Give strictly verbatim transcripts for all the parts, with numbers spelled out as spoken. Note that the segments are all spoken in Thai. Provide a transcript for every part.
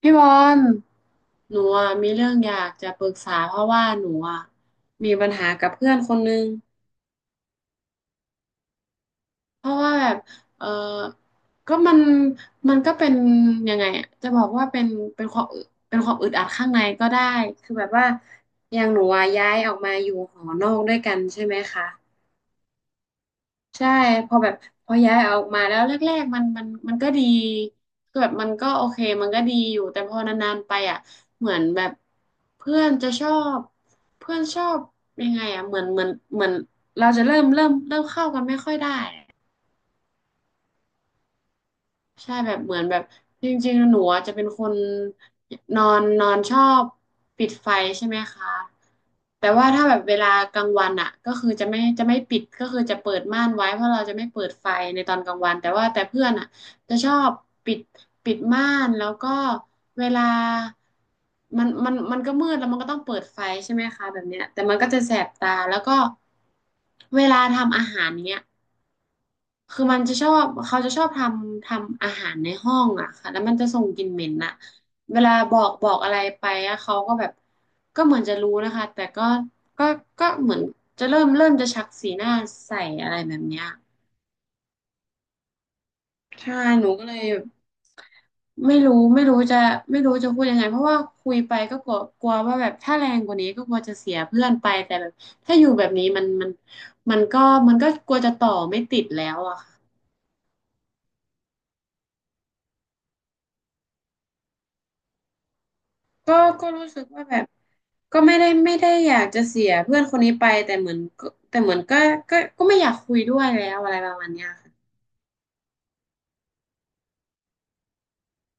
พี่บอลหนูอะมีเรื่องอยากจะปรึกษาเพราะว่าหนูอะมีปัญหากับเพื่อนคนนึงเพราะว่าแบบเออก็มันมันก็เป็นยังไงอะจะบอกว่าเป็นเป็นความอึเป็นความอึดอัดข้างในก็ได้คือแบบว่าอย่างหนูอะย้ายออกมาอยู่หอนอกด้วยกันใช่ไหมคะ ใช่พอแบบพอย้ายออกมาแล้วแรกๆมันมันมันก็ดีก็แบบมันก็โอเคมันก็ดีอยู่แต่พอนานๆไปอ่ะเหมือนแบบเพื่อนจะชอบเพื่อนชอบยังไงอ่ะเหมือนเหมือนเหมือนเราจะเริ่มเริ่มเริ่มเข้ากันไม่ค่อยได้ ใช่แบบเหมือนแบบจริงๆหนูอะจะเป็นคนนอนนอนชอบปิดไฟใช่ไหมคะแต่ว่าถ้าแบบเวลากลางวันอ่ะก็คือจะไม่จะไม่ปิดก็คือจะเปิดม่านไว้เพราะเราจะไม่เปิดไฟในตอนกลางวันแต่ว่าแต่เพื่อนอ่ะจะชอบปิดปิดม่านแล้วก็เวลามันมันมันก็มืดแล้วมันก็ต้องเปิดไฟใช่ไหมคะแบบเนี้ยแต่มันก็จะแสบตาแล้วก็เวลาทำอาหารเนี้ย คือมันจะชอบเขาจะชอบทำทำอาหารในห้องอ่ะค่ะแล้วมันจะส่งกลิ่นเหม็นอ่ะเวลาบอกบอกอะไรไปอะเขาก็แบบก็เหมือนจะรู้นะคะแต่ก็ก็ก็เหมือนจะเริ่มเริ่มจะชักสีหน้าใส่อะไรแบบเนี้ยไม่ไม่รู้ไม่รู้จะไม่รู้จะพูดยังไงเพราะว่าคุยไปก็กลัวกลัวว่าแบบถ้าแรงกว่านี้ก็กลัวจะเสียเพื่อนไปแต่แบบถ้าอยู่แบบนี้มันมันมันก็มันก็กลัวจะต่อไม่ติดแล้วอะค่ะ ก็ก็รู้สึกว่าแบบก็ไม่ได้ไม่ได้อยากจะเสียเพื่อนคนนี้ไปแต่เหมือนก็แต่เหมือนก็ก็ก็ไม่อยากคุยด้วยแล้วอะไรประมาณเนี้ยค่ะ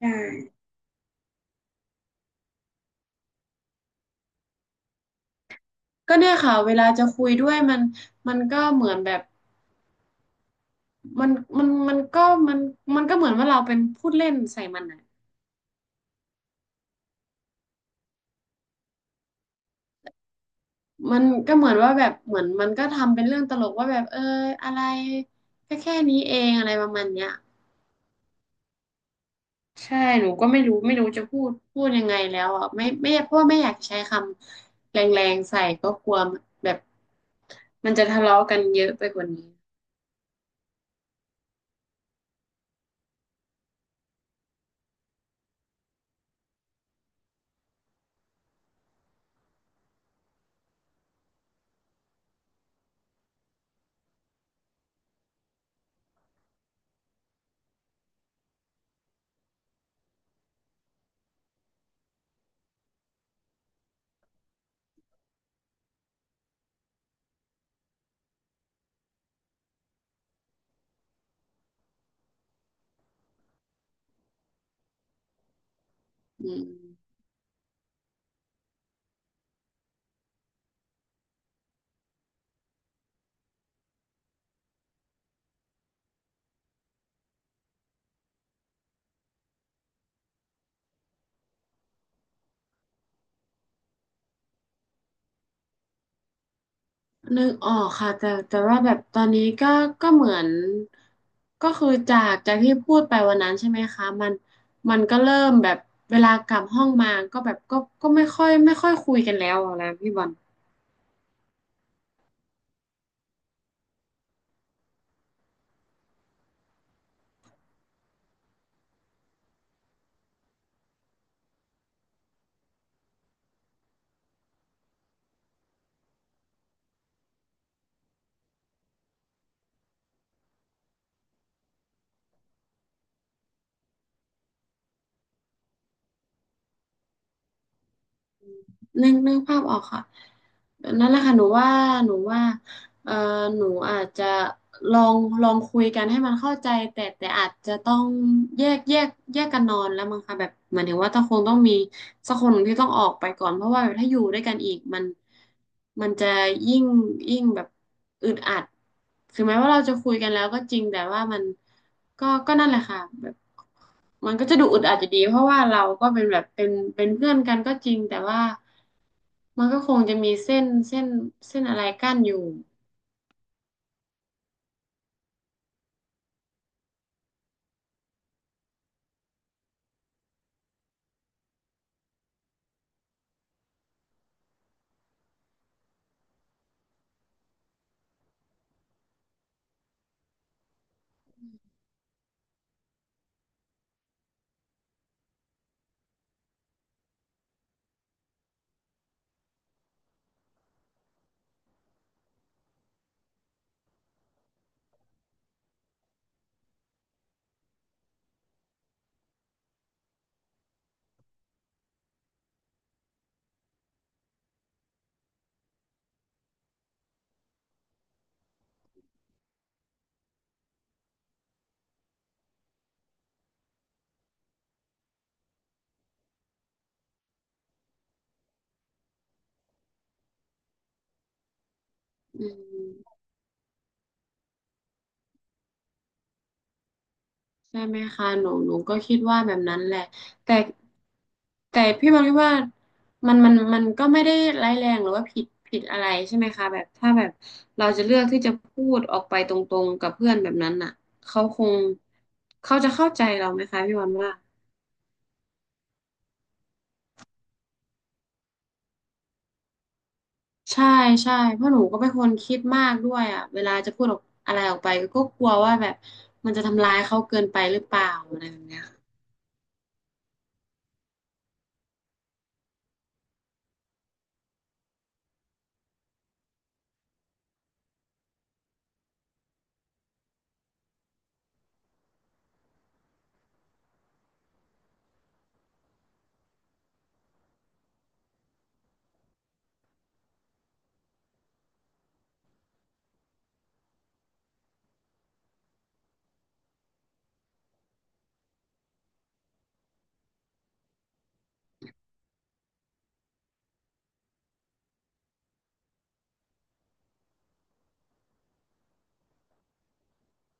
ใช่ก็เนี่ยค่ะเวลาจะคุยด้วยมันมันก็เหมือนแบบมันมันมันก็มันมันก็เหมือนว่าเราเป็นพูดเล่นใส่มันอ่ะมันก็เหมือนว่าแบบเหมือนมันก็ทำเป็นเรื่องตลกว่าแบบเอออะไรแค่แค่นี้เองอะไรประมาณเนี้ย ใช่หนูก็ไม่รู้ไม่รู้จะพูดพูดยังไงแล้วอ่ะไม่ไม่เพราะว่าไม่อยากใช้คำแรงๆใส่ก็กลัวแบบมันจะทะเลาะกันเยอะไปกว่านี้อืมนึกออกค่ะแต่แต่ว่าแบบตอนนี้ก็ก็เหมือนก็คือจากจากที่พูดไปวันนั้นใช่ไหมคะมันมันก็เริ่มแบบเวลากลับห้องมาก็แบบก็ก็ไม่ค่อยไม่ค่อยคุยกันแล้วอะนะพี่บอล นึกนึกภาพออกค่ะนั่นแหละค่ะหนูว่าหนูว่าเอ่อหนูอาจจะลองลองคุยกันให้มันเข้าใจแต่แต่อาจจะต้องแยกแยกแยกกันนอนแล้วมั้งค่ะแบบเหมือนถึงว่าต้องคงต้องมีสักคนหนึ่งที่ต้องออกไปก่อนเพราะว่าแบบถ้าอยู่ด้วยกันอีกมันมันจะยิ่งยิ่งแบบอึดอัดถึงแม้ว่าเราจะคุยกันแล้วก็จริงแต่ว่ามันก็ก็นั่นแหละค่ะแบบมันก็จะดูอึดอัดอยู่ดีเพราะว่าเราก็เป็นแบบเป็นเป็นเพื่อนกันก็จริงแต่ว่า มันก็คงจะมีเส้นเส้นเส้นอะไรกั้นอยู่อืมใช่ไหมคะหนูหนูก็คิดว่าแบบนั้นแหละแต่แต่พี่บอลคิดว่ามันมันมันก็ไม่ได้ร้ายแรงหรือว่าผิดผิดอะไรใช่ไหมคะแบบถ้าแบบเราจะเลือกที่จะพูดออกไปตรงๆกับเพื่อนแบบนั้นน่ะเขาคงเขาจะเข้าใจเราไหมคะพี่บอลว่าใช่ใช่เพราะหนูก็เป็นคนคิดมากด้วยอ่ะเวลาจะพูดออกอะไรออกไปก็กลัวว่าแบบมันจะทำร้ายเขาเกินไปหรือเปล่าอะไรแบบเนี้ย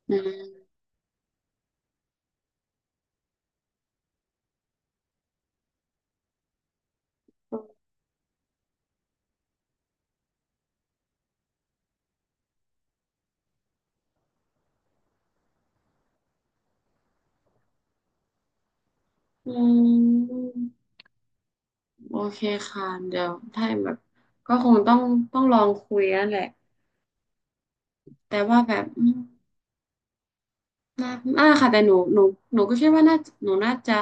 อืมอืมโอเคค่ะ เดี๋ยวถ้าแบบก็คงต้องต้องลองคุยนั่นแหละ แต่ว่าแบบอืมน่าน่าค่ะ แต่หนูหนูหนูก็คิดว่าน่าหนูน่าจะ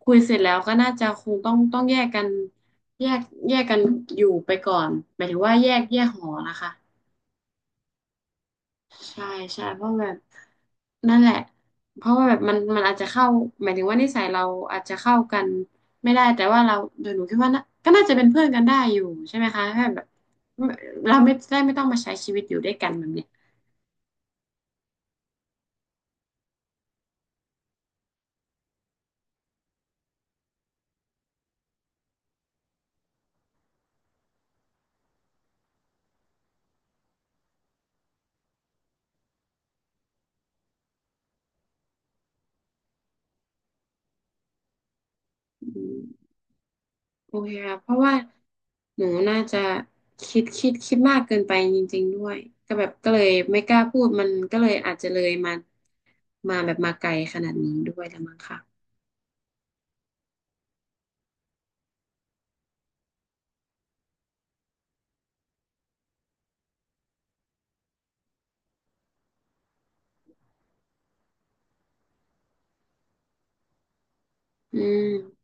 คุยเสร็จแล้วก็น่าจะคงต้องต้องแยกกันแยกแยกกันอยู่ไปก่อนหมายถึงว่าแยกแยกหอนะคะ ใช่ใช่เพราะแบบนั่นแหละเพราะว่าแบบมันมันอาจจะเข้าหมายถึงว่านิสัยเราอาจจะเข้ากันไม่ได้แต่ว่าเราโดยหนูคิดว่าน่ะก็น่าจะเป็นเพื่อนกันได้อยู่ใช่ไหมคะแค่แบบเราไม่ได้ไม่ต้องมาใช้ชีวิตอยู่ด้วยกันแบบเนี้ยอืมโอเคค่ะเพราะว่าหนูน่าจะคิดคิดคิดมากเกินไปจริงๆด้วยก็แบบก็เลยไม่กล้าพูดมันก็เลยอาจจะเลยมามาแบบมาไกลขนาดนี้ด้วยละมั้งค่ะอืม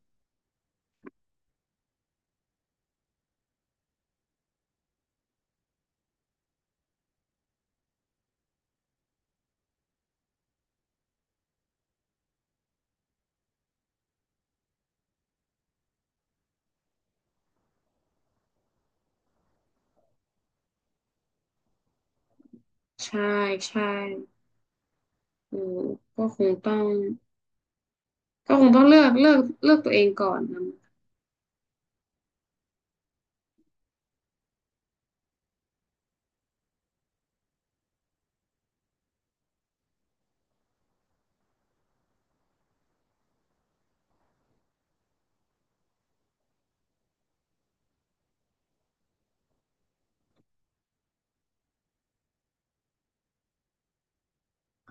ใช่ใช่ อืมก็คงต้องก็คงต้องเลือกเลือกเลือกตัวเองก่อนนะ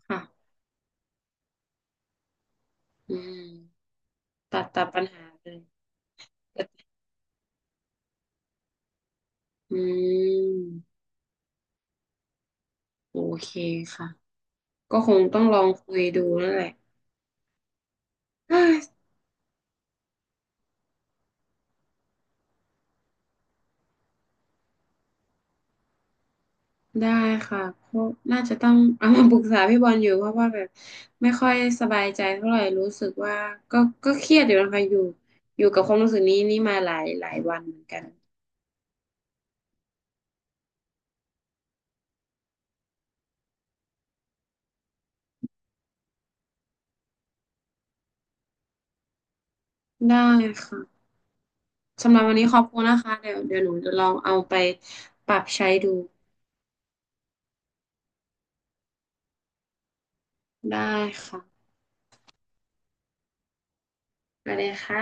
ค่ะอืมตัดตัดปัญหาเลยอืมโอเคค่ะก็คงต้องลองคุยดูนั่นแหละอ่าได้ค่ะก็น่าจะต้องเอามาปรึกษาพี่บอลอยู่เพราะว่าแบบไม่ค่อยสบายใจเท่าไหร่รู้สึกว่าก็ก็เครียดอยู่นะคะอยู่อยู่กับความรู้สึกนี้นี่มาหลายหลายวันเหมือนกันได้ค่ะสำหรับวันนี้ขอบคุณนะคะเดี๋ยวเดี๋ยวหนูจะลองเอาไปปรับใช้ดู ได้ค่ะไปเลยค่ะ